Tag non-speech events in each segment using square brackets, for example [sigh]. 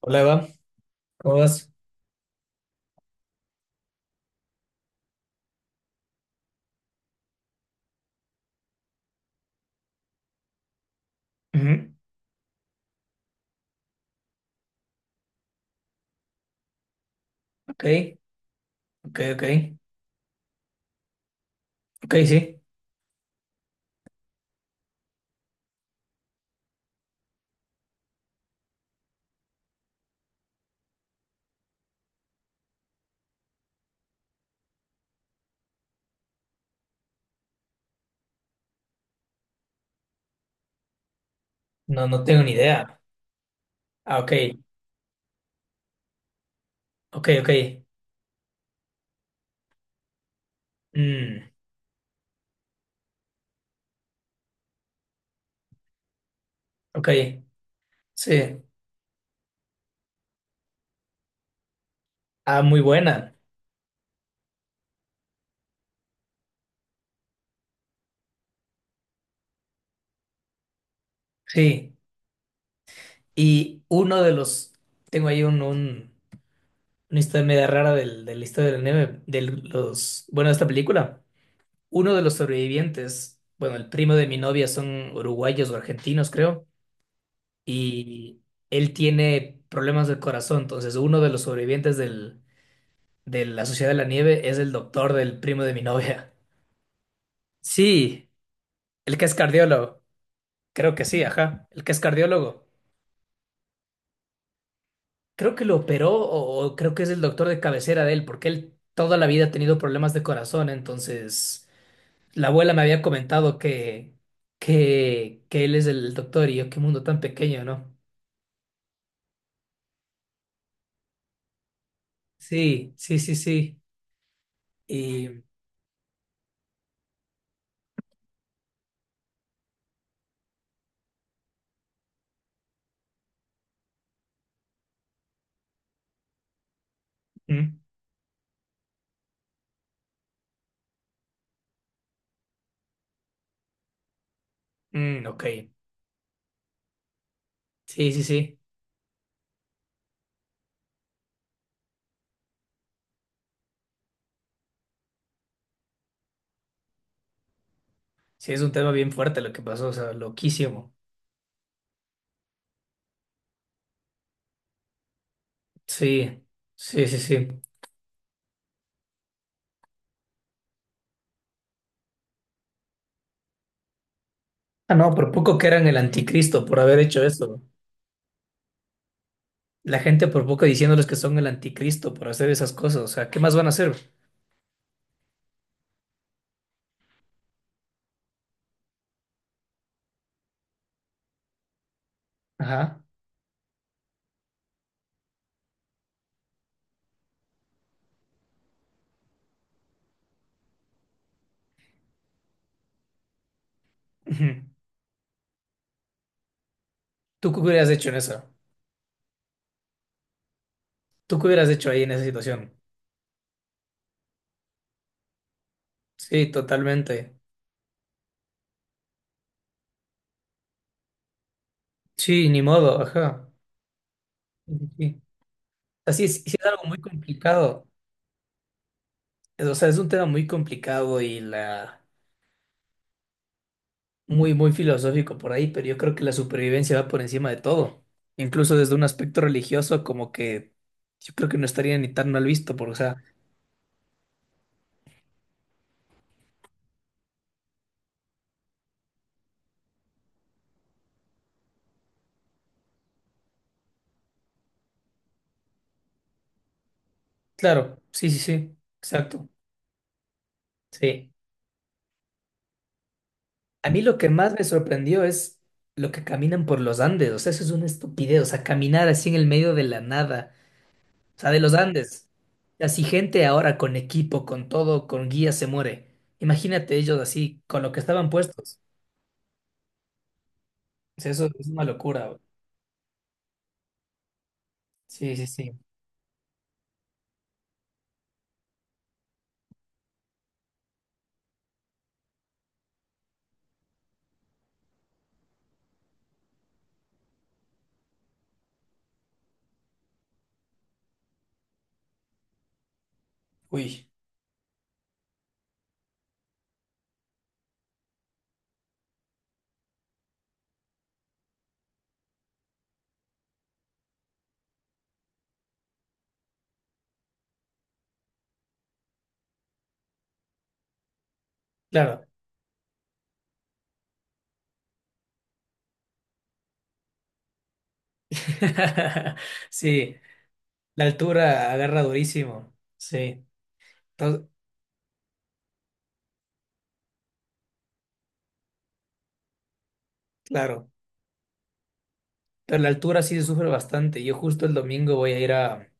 Hola Eva, ¿cómo vas? Ujú. Ok, ok, ok, ok, sí. No, no tengo ni idea. Ah, ok, ok, ok. Mm, ok, sí. Ah, muy buena, sí. Y uno de los, tengo ahí una historia media rara de la historia del nieve, bueno, de esta película. Uno de los sobrevivientes, bueno, el primo de mi novia son uruguayos o argentinos, creo, y él tiene problemas del corazón, entonces uno de los sobrevivientes del de la Sociedad de la Nieve es el doctor del primo de mi novia. Sí, el que es cardiólogo. Creo que sí, ajá. El que es cardiólogo. Creo que lo operó o creo que es el doctor de cabecera de él, porque él toda la vida ha tenido problemas de corazón. Entonces, la abuela me había comentado que él es el doctor y yo, qué mundo tan pequeño, ¿no? Sí, sí, sí, sí. Y... mm, ok. Sí, sí, sí. Sí, es un tema bien fuerte lo que pasó, o sea, loquísimo. Sí, sí, sí, sí. Ah, no, por poco que eran el anticristo por haber hecho eso. La gente por poco diciéndoles que son el anticristo por hacer esas cosas. O sea, ¿qué más van a hacer? Ajá. Ujú. ¿Tú qué hubieras hecho en esa? ¿Tú qué hubieras hecho ahí en esa situación? Sí, totalmente. Sí, ni modo, ajá. Sí. Así es, sí sí, sí es algo muy complicado. O sea, es un tema muy complicado y la muy, muy filosófico por ahí, pero yo creo que la supervivencia va por encima de todo. Incluso desde un aspecto religioso, como que yo creo que no estaría ni tan mal visto, por, o sea, claro, sí, sí, sí, exacto. Sí. A mí lo que más me sorprendió es lo que caminan por los Andes. O sea, eso es una estupidez. O sea, caminar así en el medio de la nada. O sea, de los Andes. Así gente ahora con equipo, con todo, con guía se muere. Imagínate ellos así, con lo que estaban puestos. O sea, eso es una locura, bro. Sí, sí, sí. Uy, claro. [laughs] Sí, la altura agarra durísimo. Sí, entonces, claro. Pero la altura sí se sufre bastante. Yo justo el domingo voy a ir a,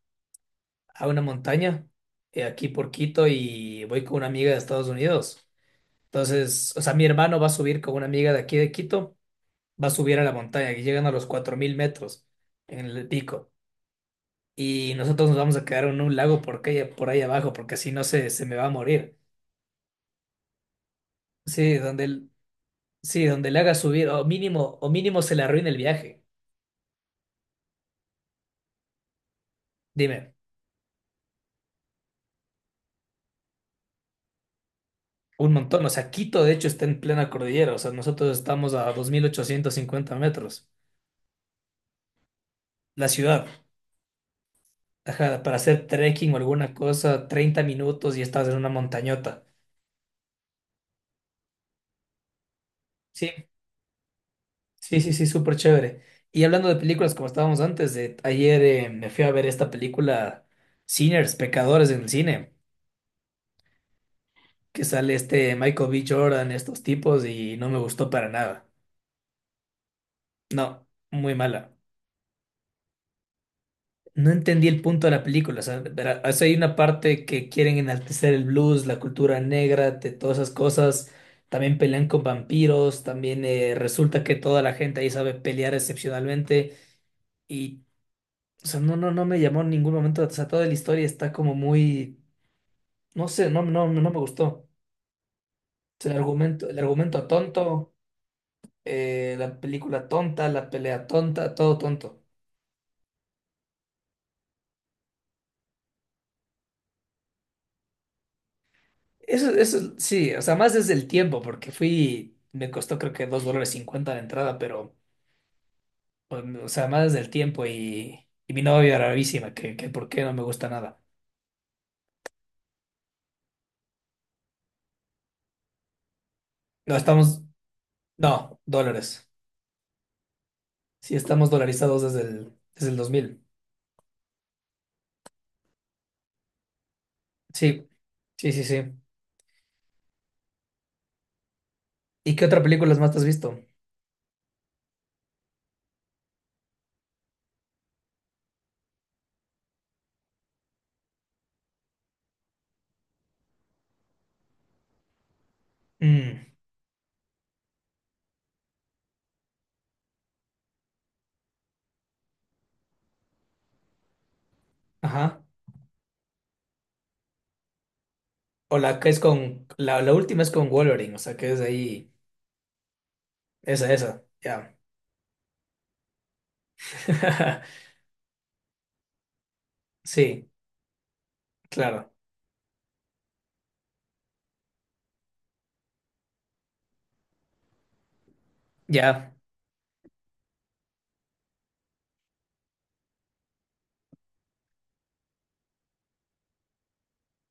a una montaña, aquí por Quito, y voy con una amiga de Estados Unidos. Entonces, o sea, mi hermano va a subir con una amiga de aquí de Quito, va a subir a la montaña, que llegan a los 4000 metros en el pico. Y nosotros nos vamos a quedar en un lago porque, por ahí abajo, porque si no se me va a morir. Sí, donde, sí, donde le haga subir, o mínimo se le arruine el viaje. Dime. Un montón, o sea, Quito de hecho está en plena cordillera, o sea, nosotros estamos a 2850 metros, la ciudad. Ajá, para hacer trekking o alguna cosa, 30 minutos y estás en una montañota. Sí, sí, sí, sí, súper chévere. Y hablando de películas, como estábamos antes, ayer me fui a ver esta película Sinners, Pecadores en el cine, que sale este Michael B. Jordan, estos tipos, y no me gustó para nada. No, muy mala. No entendí el punto de la película. O sea, verá, o sea, hay una parte que quieren enaltecer el blues, la cultura negra, de todas esas cosas. También pelean con vampiros. También resulta que toda la gente ahí sabe pelear excepcionalmente. Y, o sea, no, no, no me llamó en ningún momento. O sea, toda la historia está como muy. No sé, no, no, no me gustó. O sea, el argumento tonto, la película tonta, la pelea tonta, todo tonto. Eso, sí, o sea, más desde el tiempo, porque fui, me costó creo que $2.50 la entrada, pero, o o sea, más desde el tiempo y mi novia bravísima, que por qué no me gusta nada. No, estamos, no, dólares. Sí, estamos dolarizados desde el, 2000. Sí, sí, sí, sí. ¿Y qué otra película más te has visto? Mm, ajá. O la que es con, la última es con Wolverine, o sea, que es ahí, esa, ya. [laughs] Sí, claro, ya,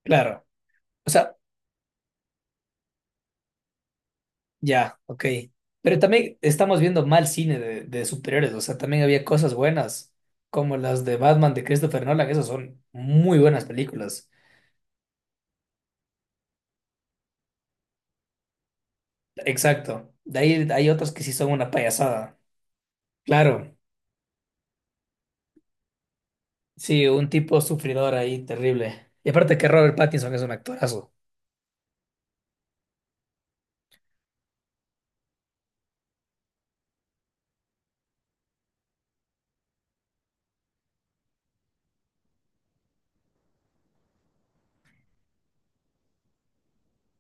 claro. O sea, ya, ok. Pero también estamos viendo mal cine de superiores, o sea, también había cosas buenas, como las de Batman de Christopher Nolan, esas son muy buenas películas. Exacto. De ahí hay otras que sí son una payasada. Claro, sí, un tipo sufridor ahí, terrible. Y aparte que Robert Pattinson es un actorazo.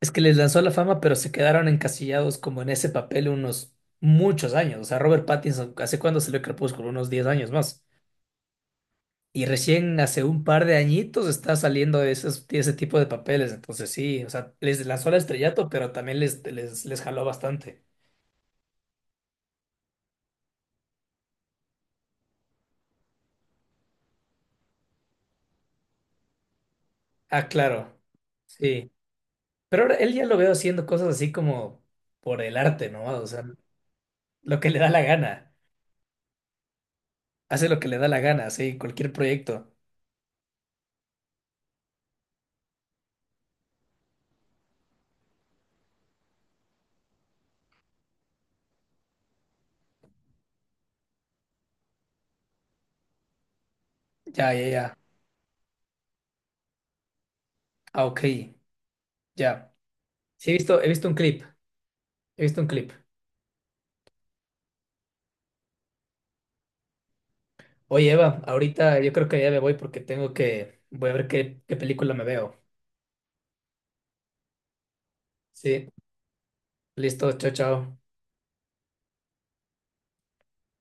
Es que les lanzó la fama, pero se quedaron encasillados como en ese papel unos muchos años. O sea, Robert Pattinson, ¿hace cuándo salió Crepúsculo? Unos 10 años más. Y recién hace un par de añitos está saliendo de de ese tipo de papeles. Entonces sí, o sea, les lanzó el estrellato, pero también les jaló bastante. Ah, claro. Sí. Pero ahora él ya lo veo haciendo cosas así como por el arte, ¿no? O sea, lo que le da la gana. Hace lo que le da la gana, sí, cualquier proyecto. Ya, ya, ya. Ah, ok. Ya. Sí, he visto un clip. He visto un clip. Oye, Eva, ahorita yo creo que ya me voy porque tengo que, voy a ver qué película me veo. Sí. Listo, chao, chao.